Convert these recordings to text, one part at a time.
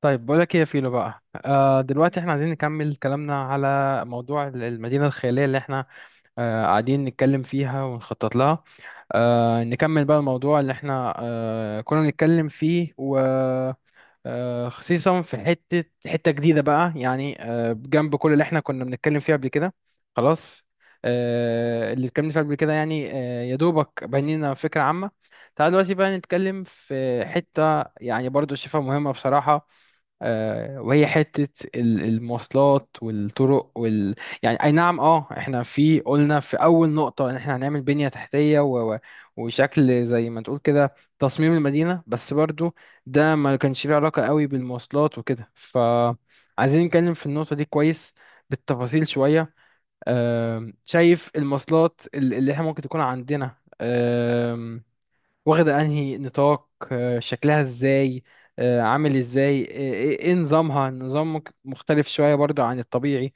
طيب بقولك ايه يا فيلو بقى، دلوقتي احنا عايزين نكمل كلامنا على موضوع المدينة الخيالية اللي احنا قاعدين نتكلم فيها ونخطط لها. نكمل بقى الموضوع اللي احنا كنا نتكلم فيه، و خصيصا في حتة حتة جديدة بقى، يعني جنب كل اللي احنا كنا بنتكلم فيه قبل كده. خلاص. اللي اتكلمنا فيه قبل كده، يعني يا دوبك بنينا فكرة عامة. تعال دلوقتي بقى نتكلم في حتة يعني برضو شايفها مهمة بصراحة، وهي حتة المواصلات والطرق يعني أي نعم، إحنا قلنا في أول نقطة إن إحنا هنعمل بنية تحتية و وشكل زي ما تقول كده، تصميم المدينة، بس برضو ده ما كانش ليه علاقة قوي بالمواصلات وكده، فعايزين نتكلم في النقطة دي كويس بالتفاصيل شوية. شايف المواصلات اللي إحنا ممكن تكون عندنا واخدة انهي نطاق، شكلها ازاي، عامل ازاي، آه، ايه إيه نظامها؟ النظام مختلف شوية برضو عن الطبيعي؟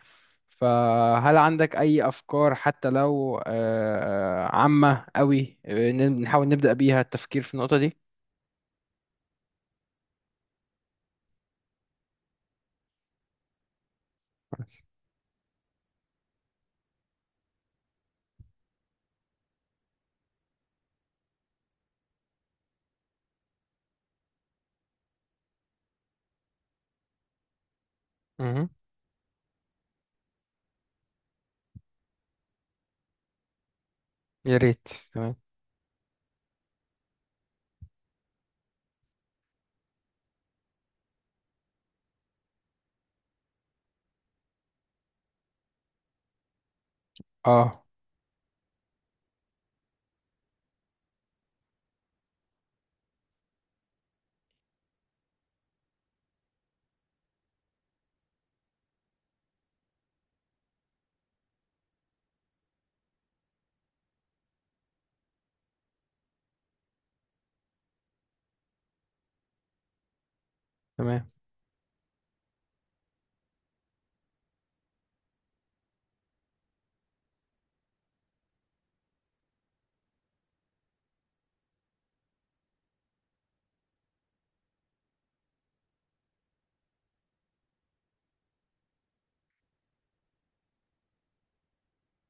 فهل عندك اي افكار، حتى لو عامة قوي، نحاول نبدأ بيها التفكير في النقطة دي. مهم. يا ريت. تمام. اه. تمام.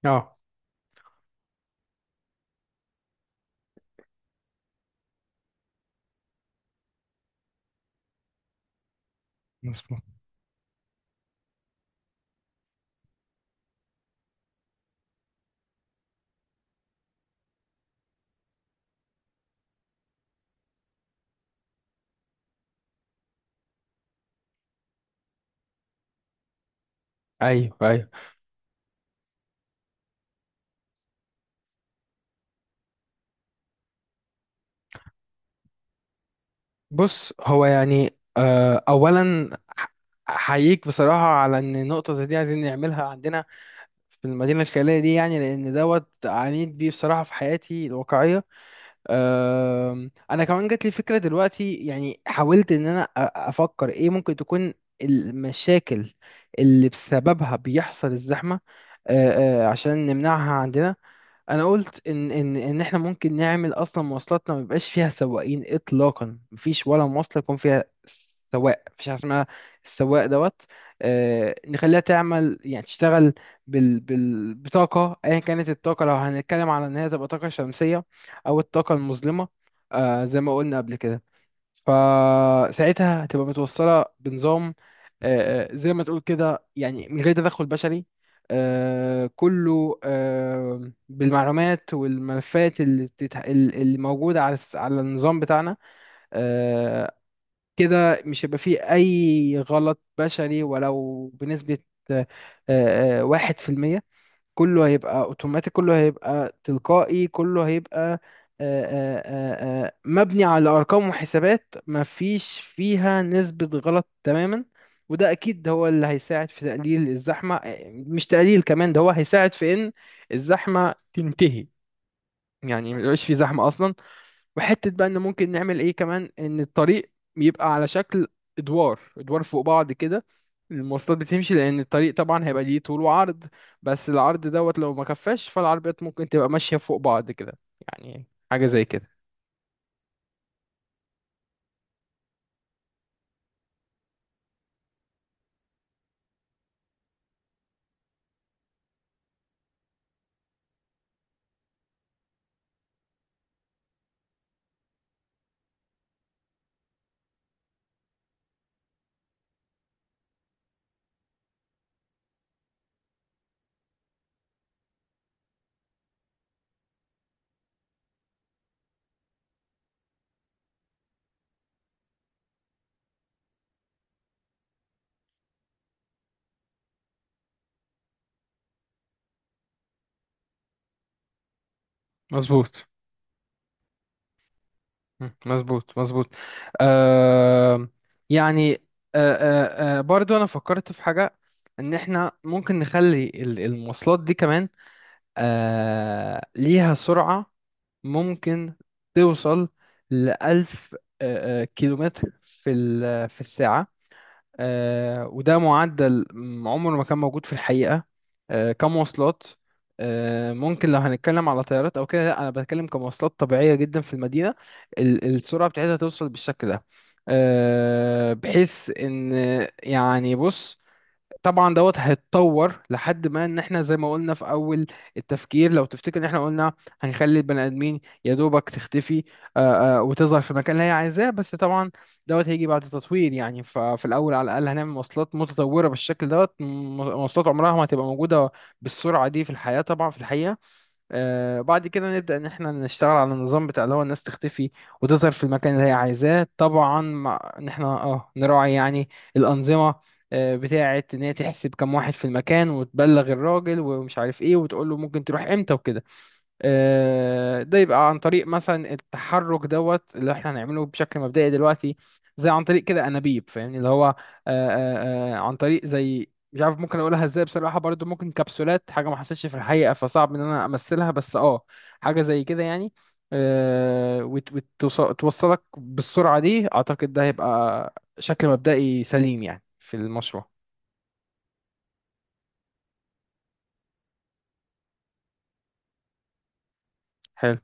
اه. مظبوط. ايوه ايوه. بص، هو يعني اولا أح- احييك بصراحة على ان نقطة زي دي عايزين نعملها عندنا في المدينة الخيالية دي، يعني لأن دوت عانيت بيه بصراحة في حياتي الواقعية. أنا كمان جات لي فكرة دلوقتي، يعني حاولت إن أنا أفكر إيه ممكن تكون المشاكل اللي بسببها بيحصل الزحمة، أه، أه، عشان نمنعها عندنا. انا قلت ان احنا ممكن نعمل اصلا مواصلاتنا ما يبقاش فيها سواقين اطلاقا، مفيش ولا مواصله يكون فيها سواق، مفيش حاجه اسمها السواق دوت. نخليها تعمل يعني تشتغل بال بطاقه، ايا كانت الطاقه، لو هنتكلم على ان هي تبقى طاقه شمسيه او الطاقه المظلمه زي ما قلنا قبل كده. فساعتها هتبقى متوصلة بنظام، زي ما تقول كده، يعني من غير تدخل بشري. كله بالمعلومات والملفات اللي موجودة على على النظام بتاعنا. آه، كده مش هيبقى فيه أي غلط بشري ولو بنسبة آه، 1%. كله هيبقى اوتوماتيك، كله هيبقى تلقائي، كله هيبقى مبني على ارقام وحسابات مفيش فيها نسبة غلط تماما. وده اكيد هو اللي هيساعد في تقليل الزحمة، مش تقليل كمان، ده هو هيساعد في ان الزحمة تنتهي، يعني ما يبقاش في زحمة اصلا. وحتة بقى ان ممكن نعمل ايه كمان، ان الطريق يبقى على شكل ادوار ادوار فوق بعض كده، المواصلات بتمشي، لان الطريق طبعا هيبقى ليه طول وعرض، بس العرض دوت لو ما كفاش فالعربيات ممكن تبقى ماشية فوق بعض كده، يعني حاجة زي كده. مظبوط. مم. مظبوط مظبوط. آه. يعني برضو انا فكرت في حاجة، ان احنا ممكن نخلي المواصلات دي كمان ليها سرعة ممكن توصل لـ1000 كيلومتر في في الساعة. وده معدل عمره ما كان موجود في الحقيقة كمواصلات. ممكن لو هنتكلم على طيارات أو كده لأ، أنا بتكلم كمواصلات طبيعية جدا في المدينة، السرعة بتاعتها توصل بالشكل ده، بحيث إن يعني بص، طبعا دوت هيتطور لحد ما ان احنا زي ما قلنا في اول التفكير، لو تفتكر ان احنا قلنا هنخلي البني ادمين يا دوبك تختفي وتظهر في المكان اللي هي عايزاه، بس طبعا دوت هيجي بعد تطوير. يعني ففي الاول على الاقل هنعمل مواصلات متطوره بالشكل دوت، مواصلات عمرها ما هتبقى موجوده بالسرعه دي في الحياه طبعا في الحقيقه. بعد كده نبدأ إن إحنا نشتغل على النظام بتاع اللي هو الناس تختفي وتظهر في المكان اللي هي عايزاه، طبعا مع إن إحنا نراعي يعني الأنظمة بتاعة إن هي تحسب كم واحد في المكان وتبلغ الراجل ومش عارف إيه وتقول له ممكن تروح إمتى وكده. ده يبقى عن طريق مثلا التحرك دوت اللي احنا هنعمله بشكل مبدئي دلوقتي، زي عن طريق كده انابيب، فاهمني، اللي هو عن طريق زي، مش عارف ممكن اقولها ازاي بصراحة، برضو ممكن كبسولات، حاجة ما حصلتش في الحقيقة فصعب ان انا امثلها، بس اه حاجة زي كده يعني. توصلك بالسرعة دي. اعتقد ده هيبقى شكل مبدئي سليم يعني في المشروع. حلو.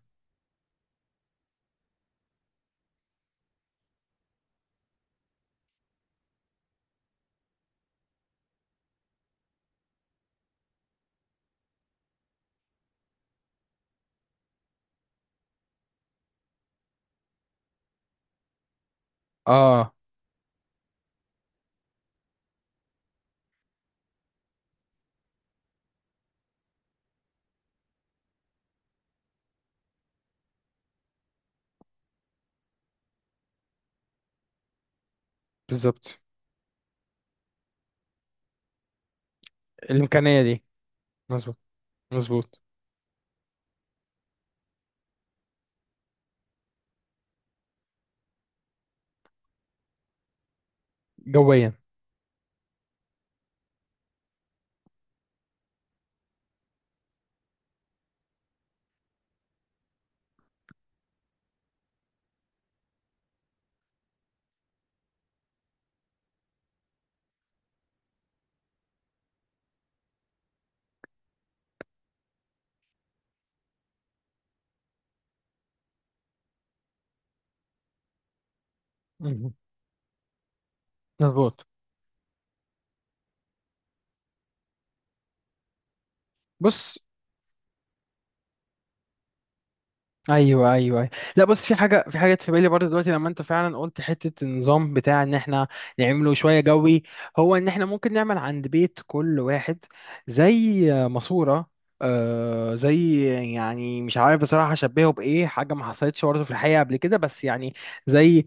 اه. بالظبط. الامكانية دي. مظبوط مظبوط. جويا. مظبوط. بص. ايوه ايوه أيوة. لا بص، في حاجه في بالي برضه دلوقتي لما انت فعلا قلت حته النظام بتاع ان احنا نعمله شويه جوي. هو ان احنا ممكن نعمل عند بيت كل واحد زي ماسوره، زي، يعني مش عارف بصراحه اشبهه بايه، حاجه ما حصلتش برضه في الحقيقه قبل كده، بس يعني زي آه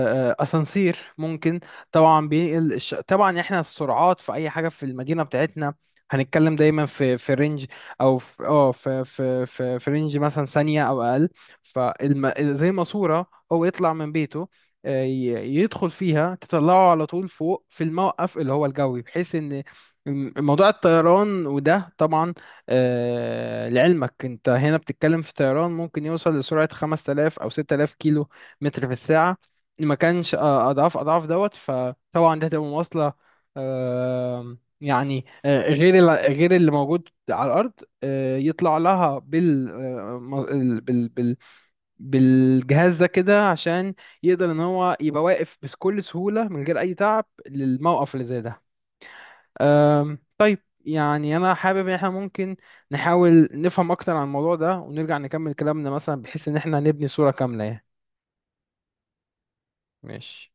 آه آه آه، اسانسير ممكن. طبعا بينقل طبعا احنا السرعات في اي حاجه في المدينه بتاعتنا هنتكلم دايما في رينج، او في في رينج مثلا ثانيه او اقل. فزي ماسوره هو يطلع من بيته يدخل فيها تطلعه على طول فوق في الموقف اللي هو الجوي، بحيث ان موضوع الطيران وده طبعا لعلمك انت هنا بتتكلم في طيران ممكن يوصل لسرعة 5000 او 6000 كيلو متر في الساعة، ما كانش اضعاف اضعاف دوت. فطبعا ده هتبقى مواصلة يعني غير اللي موجود على الارض، يطلع لها بال آه، م- ال- بال بال بالجهاز ده كده عشان يقدر ان هو يبقى واقف بكل سهوله من غير اي تعب للموقف اللي زي ده. آم، يعني انا حابب ان احنا ممكن نحاول نفهم اكتر عن الموضوع ده ونرجع نكمل كلامنا، مثلا بحيث ان احنا نبني صوره كامله يعني. ماشي.